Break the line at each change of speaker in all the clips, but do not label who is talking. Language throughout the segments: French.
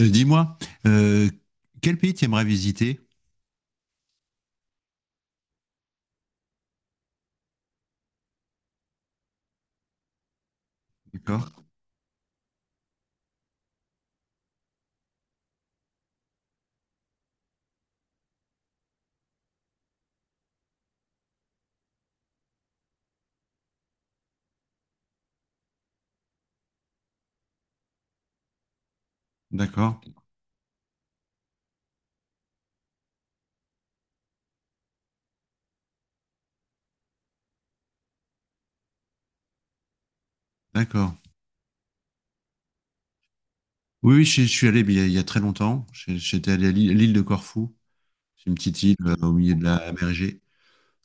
Dis-moi, euh, quel pays tu aimerais visiter? D'accord, d'accord, d'accord. Oui, oui, je suis allé mais il y a très longtemps. J'étais allé à l'île de Corfou. C'est une petite île au milieu de la mer Égée.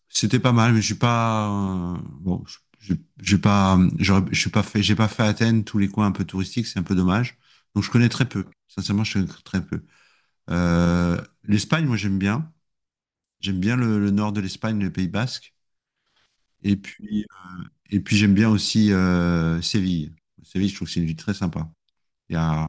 C'était pas mal, mais je suis pas bon. J'ai pas, je suis pas fait, j'ai pas fait Athènes, tous les coins un peu touristiques, c'est un peu dommage. Donc je connais très peu. Sincèrement, je connais très peu. L'Espagne, moi j'aime bien. J'aime bien le nord de l'Espagne, le Pays Basque. Et puis et puis j'aime bien aussi Séville. Séville, je trouve que c'est une ville très sympa. Il y a...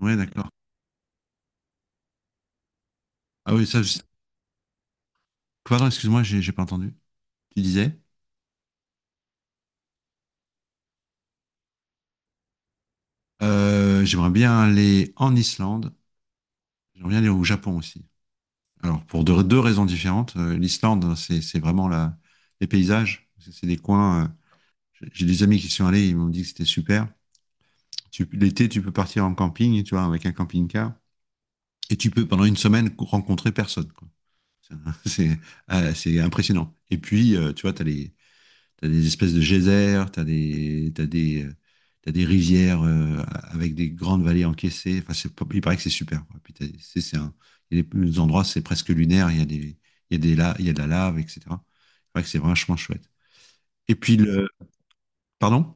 Ouais, d'accord. Ah oui, ça, pardon, excuse-moi, j'ai pas entendu. Tu disais? J'aimerais bien aller en Islande. J'aimerais bien aller au Japon aussi. Alors, pour deux raisons différentes. L'Islande, c'est vraiment les paysages. C'est des coins. J'ai des amis qui sont allés, ils m'ont dit que c'était super. L'été, tu peux partir en camping, tu vois, avec un camping-car. Et tu peux, pendant une semaine, rencontrer personne, quoi. C'est ah, c'est impressionnant. Et puis, tu vois, tu as, t'as des espèces de geysers, tu as t'as des rivières avec des grandes vallées encaissées. Enfin, c'est pas- il paraît que c'est super. Quoi. Puis il y a des endroits, c'est presque lunaire. Il y a il y a des il y a de la lave, etc. C'est vrai que c'est vachement chouette. Et puis, pardon?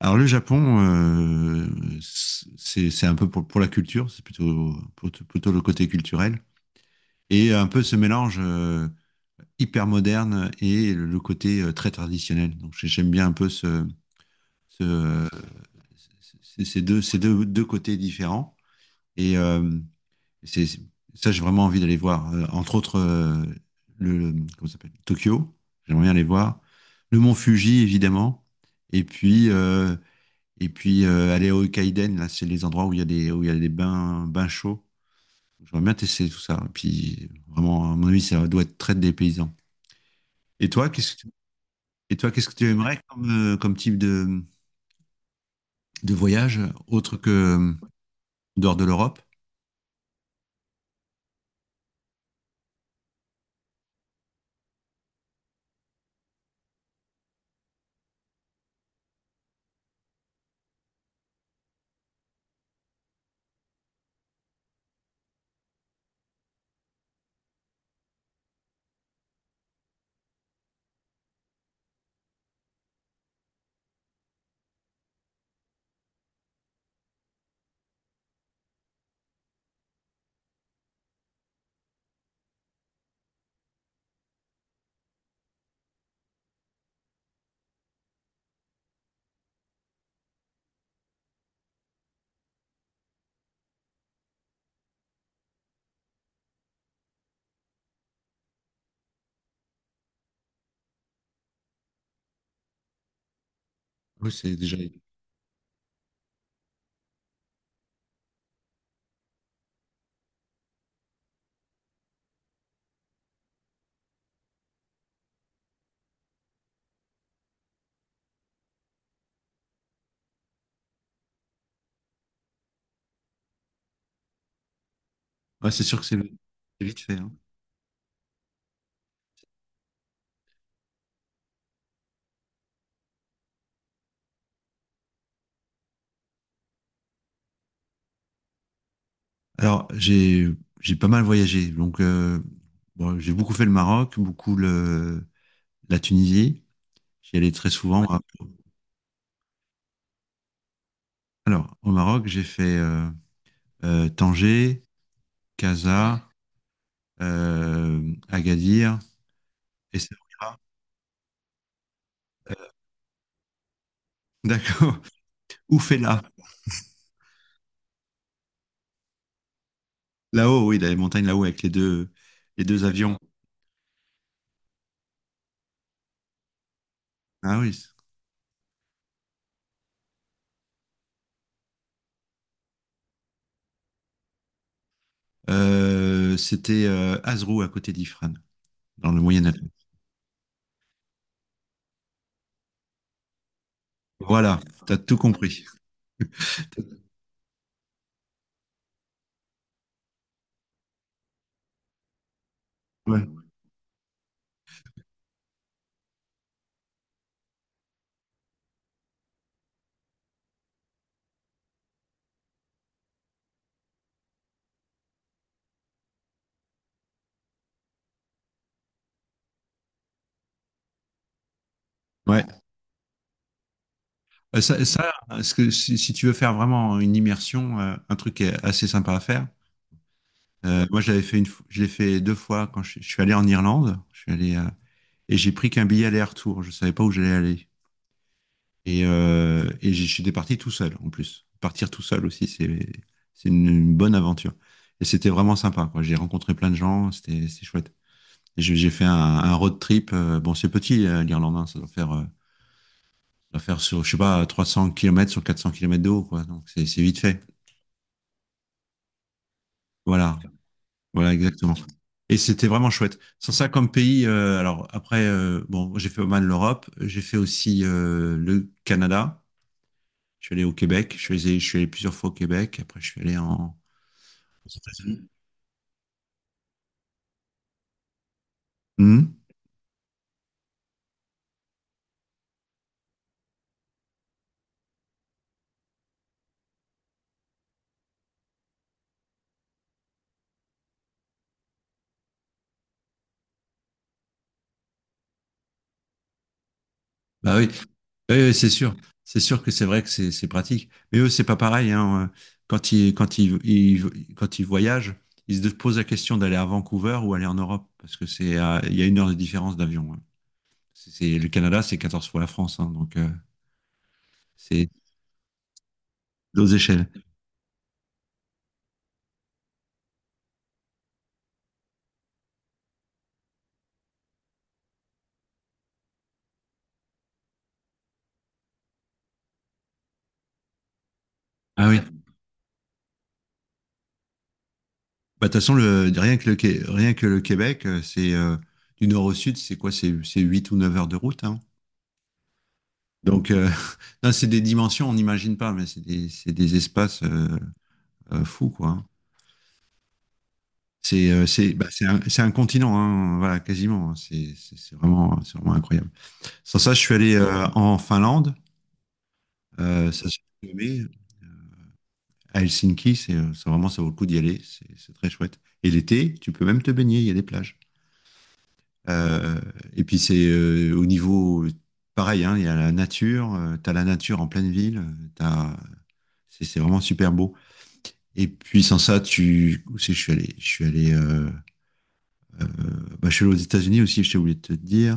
Alors, le Japon, c'est un peu pour la culture, c'est plutôt le côté culturel. Et un peu ce mélange. Hyper moderne et côté très traditionnel. Donc j'aime bien un peu ce, euh, ces deux côtés différents. Et c'est, c'est- ça, j'ai vraiment envie d'aller voir. Entre autres, le, le- comment ça s'appelle? Tokyo, j'aimerais bien aller voir. Le mont Fuji, évidemment. Et puis, aller au Kaiden, là, c'est les endroits où il y a où il y a des bains chauds. J'aimerais bien tester tout ça. Et puis, vraiment, à mon avis, ça doit être très dépaysant. Et toi, qu'est-ce Et toi, qu'est-ce que tu aimerais comme, comme type de voyage autre que dehors de l'Europe? Oui, c'est déjà. Ouais, c'est sûr que c'est vite fait. Hein. Alors, j'ai pas mal voyagé. Donc, bon, j'ai beaucoup fait le Maroc, beaucoup la Tunisie. J'y allais très souvent. Ouais. Alors, au Maroc, j'ai fait Tanger, Casa, Agadir, Essaouira. D'accord. Oufella. Là-haut, oui, dans les montagnes là-haut avec les deux avions. Ah oui. C'était Azrou à côté d'Ifrane dans le Moyen-Atlas. Voilà, t'as tout compris. Ouais. Ouais. Ça, ça, ce que, si, Si tu veux faire vraiment une immersion, un truc qui est assez sympa à faire. Moi, je l'ai fait deux fois quand je suis allé en Irlande. Je suis allé à- Et j'ai pris qu'un billet aller-retour. Je savais pas où j'allais aller. Et je suis parti tout seul en plus. Partir tout seul aussi, c'est une bonne aventure. Et c'était vraiment sympa, quoi. J'ai rencontré plein de gens, c'est chouette. Et j'ai fait un road trip. Bon, c'est petit, l'Irlande, hein, ça doit faire sur, je sais pas, 300 kilomètres sur 400 kilomètres de haut, quoi. Donc c'est vite fait. Voilà, voilà exactement. Et c'était vraiment chouette. Sans ça, comme pays, bon, j'ai fait pas mal l'Europe, j'ai fait aussi le Canada. Je suis allé au Québec, je suis allé plusieurs fois au Québec, après je suis allé en... aux États-Unis. Mhm. Bah oui, oui, oui, c'est sûr. C'est sûr que c'est vrai que c'est pratique. Mais eux, c'est pas pareil, hein. Quand quand ils voyagent, ils se posent la question d'aller à Vancouver ou aller en Europe, parce que il y a une heure de différence d'avion. Hein. Le Canada, c'est 14 fois la France, hein, donc c'est d'autres échelles. Ah oui. Bah, de toute façon, le, rien que le, Qué- rien que le Québec, c'est du nord au sud, c'est quoi? C'est 8 ou 9 heures de route, hein. Donc, non, c'est des dimensions, on n'imagine pas, mais c'est des espaces fous, quoi. Hein. C'est un continent, hein, voilà, quasiment. C'est vraiment incroyable. Sans ça, je suis allé en Finlande, ça se fait aimer. À Helsinki, c'est vraiment, ça vaut le coup d'y aller, c'est très chouette. Et l'été, tu peux même te baigner, il y a des plages. Euh, et puis, c'est au niveau, pareil, hein, il y a la nature, tu as la nature en pleine ville, c'est vraiment super beau. Et puis sans ça, tu où c'est que je suis allé, euh, bah, je suis allé aux États-Unis aussi. Je t'ai oublié de te dire.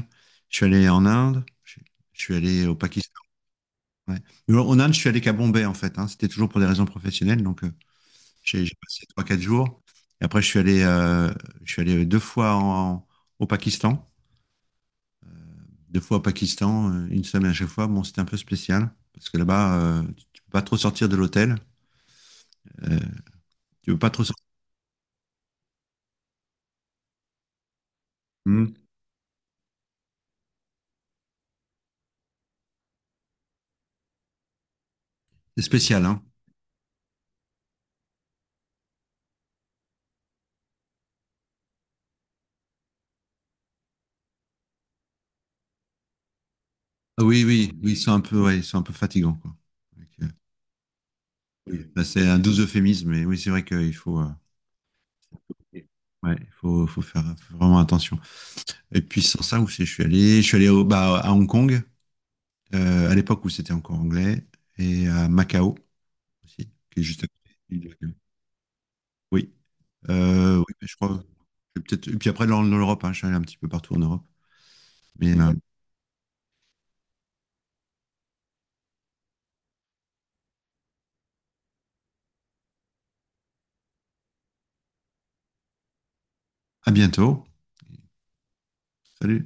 Je suis allé en Inde. Je suis allé au Pakistan. Ouais. Mais en Inde, je suis allé qu'à Bombay en fait. Hein. C'était toujours pour des raisons professionnelles. Donc j'ai passé trois quatre jours. Et après, je suis allé deux fois en- au Pakistan. Deux fois au Pakistan, une semaine à chaque fois. Bon, c'était un peu spécial parce que là-bas, tu peux pas trop sortir de l'hôtel. Euh, tu peux pas trop sortir. Hmm. C'est spécial, hein. Ah oui, oui, oui, ils sont un peu, ouais, ils sont un peu fatigants. Quoi. Donc, oui. bah, c'est un doux euphémisme, mais oui, c'est vrai qu'il faut, ouais, il faut, faut faire faut vraiment attention. Et puis sans ça, où c'est, je suis allé au, bah, à Hong Kong, à l'époque où c'était encore anglais, et à Macao aussi, qui est juste à côté. De l'île de Macao. Oui, oui, mais je crois. Je vais peut-être. Et puis après, dans l'Europe, hein, je suis allé un petit peu partout en Europe. Mais à bientôt. Salut.